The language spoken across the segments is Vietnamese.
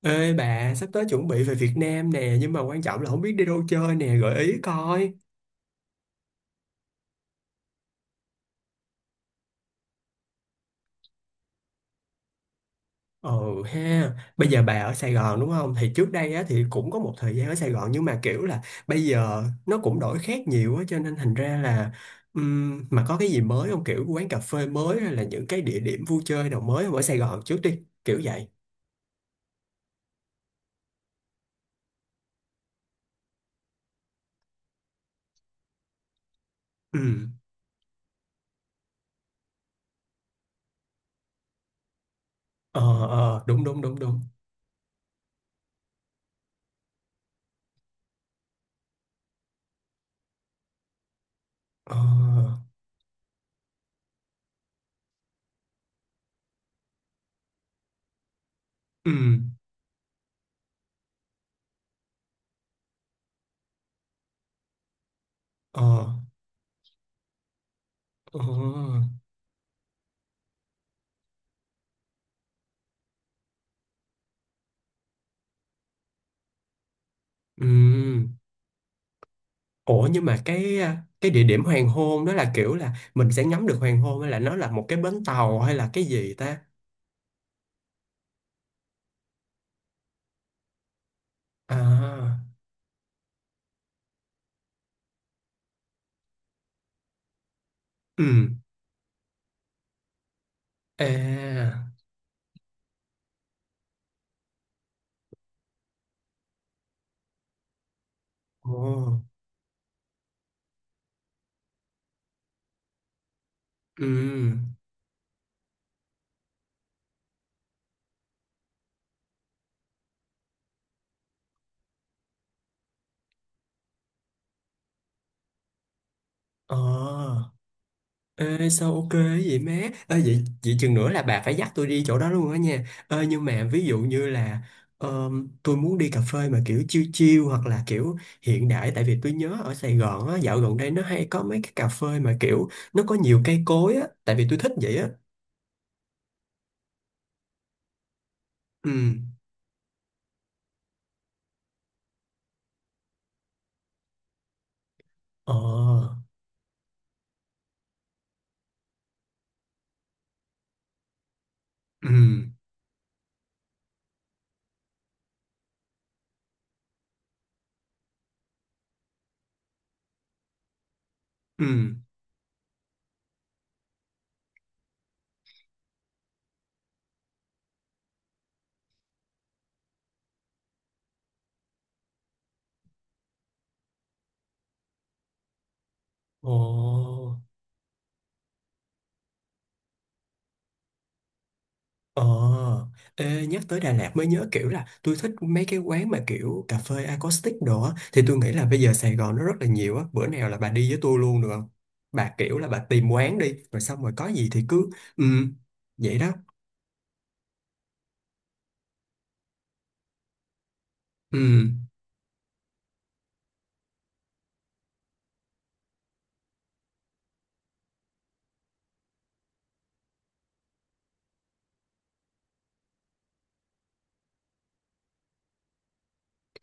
Ê bà, sắp tới chuẩn bị về Việt Nam nè, nhưng mà quan trọng là không biết đi đâu chơi nè, gợi ý coi. Ừ ha, bây giờ bà ở Sài Gòn đúng không? Thì trước đây á, thì cũng có một thời gian ở Sài Gòn nhưng mà kiểu là bây giờ nó cũng đổi khác nhiều á, cho nên thành ra là mà có cái gì mới không? Kiểu quán cà phê mới hay là những cái địa điểm vui chơi nào mới không ở Sài Gòn trước đi, kiểu vậy. Ừ, ờ, ờ, đúng đúng. Ờ, ừ, ờ, ờ, ừ. Ủa nhưng mà cái địa điểm hoàng hôn đó là kiểu là mình sẽ ngắm được hoàng hôn hay là nó là một cái bến tàu hay là cái gì ta? À, ừ, à, ồ, ừ, ờ, ê sao ok vậy má? Ê vậy, vậy chừng nữa là bà phải dắt tôi đi chỗ đó luôn á nha. Ê nhưng mà ví dụ như là tôi muốn đi cà phê mà kiểu chill chill hoặc là kiểu hiện đại tại vì tôi nhớ ở Sài Gòn á, dạo gần đây nó hay có mấy cái cà phê mà kiểu nó có nhiều cây cối á, tại vì tôi thích vậy á. Ừ, ờ, ừ, ừ, ồ, ờ. Ê, nhắc tới Đà Lạt mới nhớ kiểu là tôi thích mấy cái quán mà kiểu cà phê acoustic đồ á thì tôi nghĩ là bây giờ Sài Gòn nó rất là nhiều á, bữa nào là bà đi với tôi luôn được không, bà kiểu là bà tìm quán đi rồi xong rồi có gì thì cứ. Ừ, vậy đó. Ừ,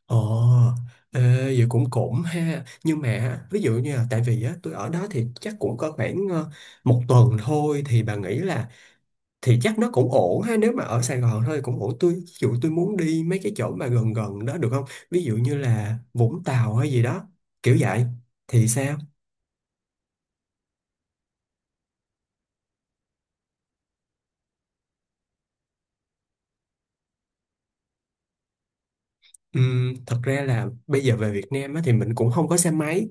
ờ. Ê, vậy cũng cũng ha, nhưng mà ví dụ như là tại vì á tôi ở đó thì chắc cũng có khoảng một tuần thôi thì bà nghĩ là thì chắc nó cũng ổn ha, nếu mà ở Sài Gòn thôi thì cũng ổn, tôi ví dụ tôi muốn đi mấy cái chỗ mà gần gần đó được không, ví dụ như là Vũng Tàu hay gì đó kiểu vậy thì sao. Thật ra là bây giờ về Việt Nam á, thì mình cũng không có xe máy,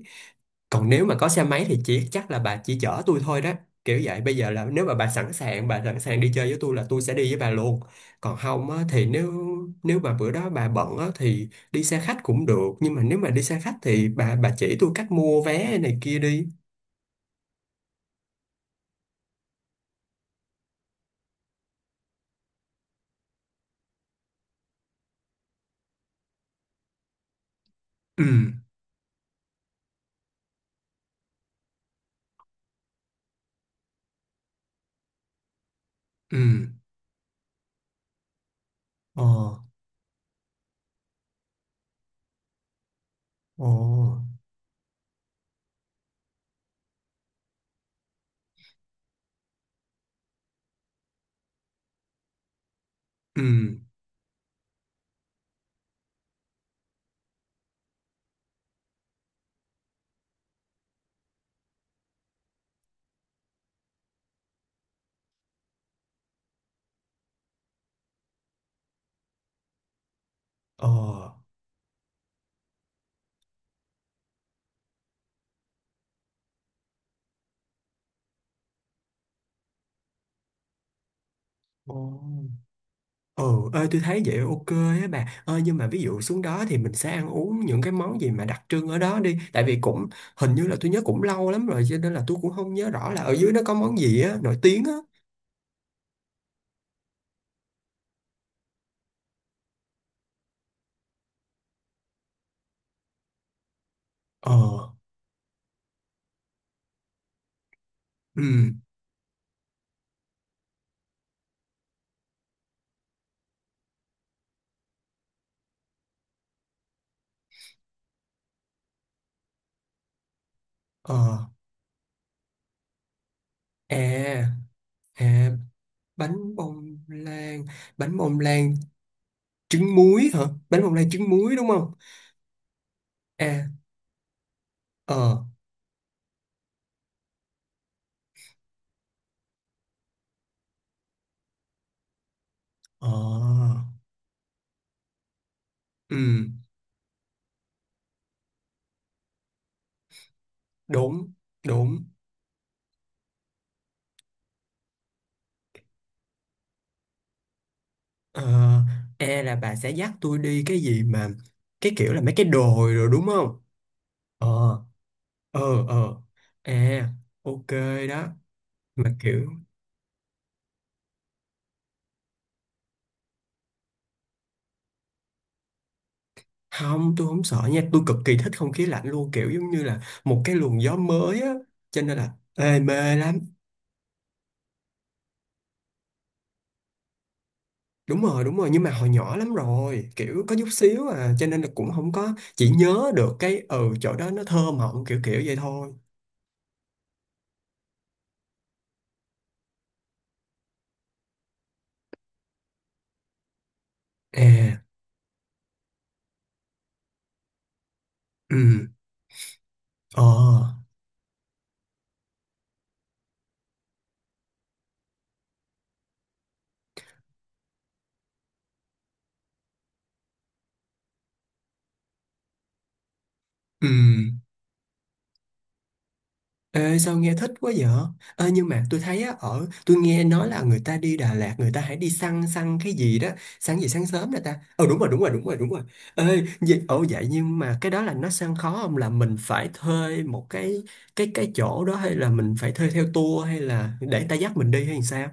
còn nếu mà có xe máy thì chỉ chắc là bà chỉ chở tôi thôi đó, kiểu vậy. Bây giờ là nếu mà bà sẵn sàng đi chơi với tôi là tôi sẽ đi với bà luôn, còn không á, thì nếu nếu mà bữa đó bà bận á, thì đi xe khách cũng được, nhưng mà nếu mà đi xe khách thì bà chỉ tôi cách mua vé này kia đi. Ừ, ừ, ờ, ờ, ừ, ờ, ờ, ờ, ơi tôi thấy vậy ok. Á bà ơi nhưng mà ví dụ xuống đó thì mình sẽ ăn uống những cái món gì mà đặc trưng ở đó đi, tại vì cũng hình như là tôi nhớ cũng lâu lắm rồi cho nên là tôi cũng không nhớ rõ là ở dưới nó có món gì á nổi tiếng á. Ờ, ừ, ờ, à, à, bánh bông lan, bánh bông lan trứng muối hả, bánh bông lan trứng muối đúng không. À, ờ, ờ, ừ, đúng đúng. Ờ, e là bà sẽ dắt tôi đi cái gì mà cái kiểu là mấy cái đồi rồi đúng không. Ờ, ờ, ờ, à, ok, đó, mà kiểu không tôi không sợ nha, tôi cực kỳ thích không khí lạnh luôn, kiểu giống như là một cái luồng gió mới á, cho nên là ê mê lắm. Đúng rồi đúng rồi, nhưng mà hồi nhỏ lắm rồi kiểu có chút xíu à, cho nên là cũng không có chỉ nhớ được cái ừ chỗ đó nó thơ mộng kiểu kiểu vậy thôi. À, ừ, ờ, ừ. Ê, sao nghe thích quá vậy? Ê, nhưng mà tôi thấy á, ở tôi nghe nói là người ta đi Đà Lạt người ta hãy đi săn săn cái gì đó, săn gì sáng sớm nè ta. Ờ, đúng rồi đúng rồi đúng rồi đúng rồi. Ê, vậy, ồ vậy nhưng mà cái đó là nó săn khó không, là mình phải thuê một cái cái chỗ đó hay là mình phải thuê theo tour hay là để người ta dắt mình đi hay sao.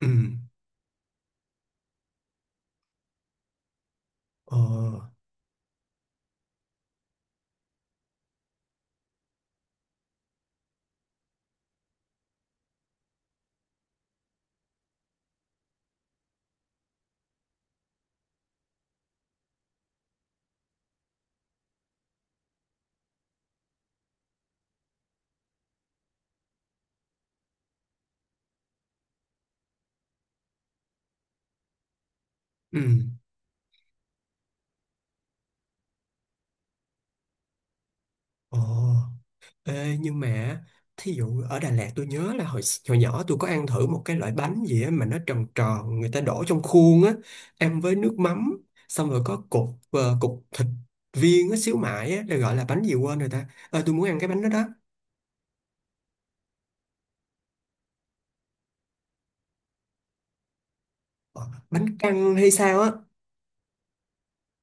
Ừ, ờ, ừ, ờ. Ê, nhưng mà thí dụ ở Đà Lạt tôi nhớ là hồi hồi nhỏ tôi có ăn thử một cái loại bánh gì á mà nó tròn tròn người ta đổ trong khuôn á, ăn với nước mắm xong rồi có cục cục thịt viên á, xíu mại á, là gọi là bánh gì quên rồi ta. Ờ, tôi muốn ăn cái bánh đó đó. Ờ, bánh căn hay sao á.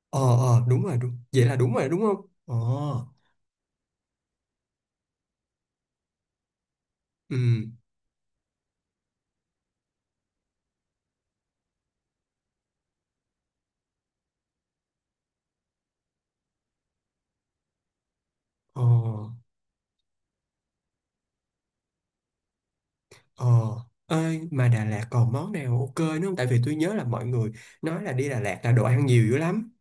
Ờ, ờ, đúng rồi đúng vậy là đúng rồi đúng không. Ờ, ừ, ờ, ờ, ơi mà Đà Lạt còn món nào ok nữa không, tại vì tôi nhớ là mọi người nói là đi Đà Lạt là đồ ăn nhiều dữ lắm.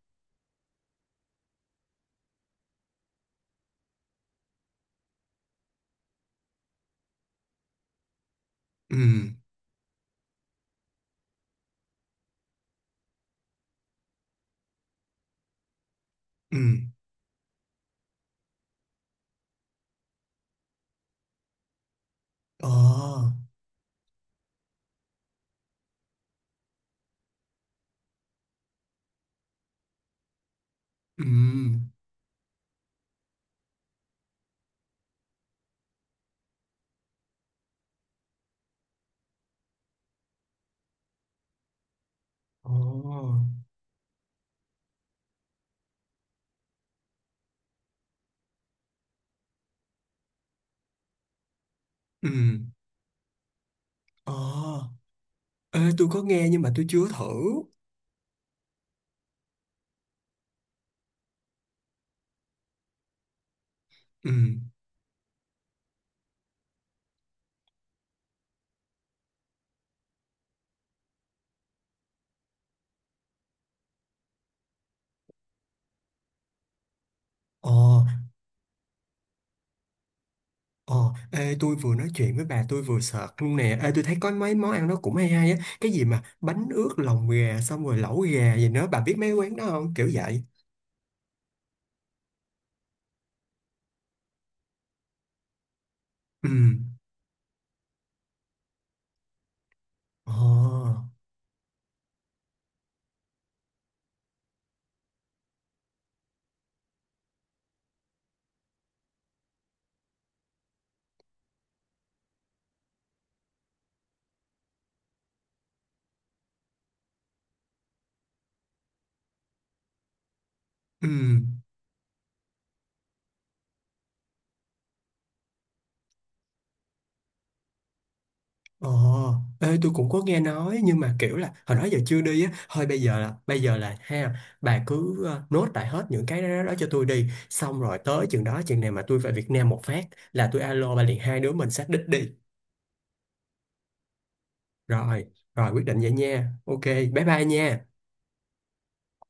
Ừ, ừ, ờ, ừ, ờ, ừ, ờ. Ê, tôi có nghe nhưng mà tôi chưa thử. Ừ, ờ, ờ. Ê tôi vừa nói chuyện với bà tôi vừa sợt luôn nè, ê tôi thấy có mấy món ăn nó cũng hay hay á, cái gì mà bánh ướt lòng gà xong rồi lẩu gà gì nữa, bà biết mấy quán đó không kiểu vậy. Ừ, ờ, Ừ. Ồ, ê, tôi cũng có nghe nói nhưng mà kiểu là hồi đó giờ chưa đi á, thôi bây giờ là ha, bà cứ nốt lại hết những cái đó, đó cho tôi đi, xong rồi tới chừng đó chừng nào mà tôi về Việt Nam một phát là tôi alo bà liền hai đứa mình xác đích đi. Rồi, rồi quyết định vậy nha. Ok, bye bye nha.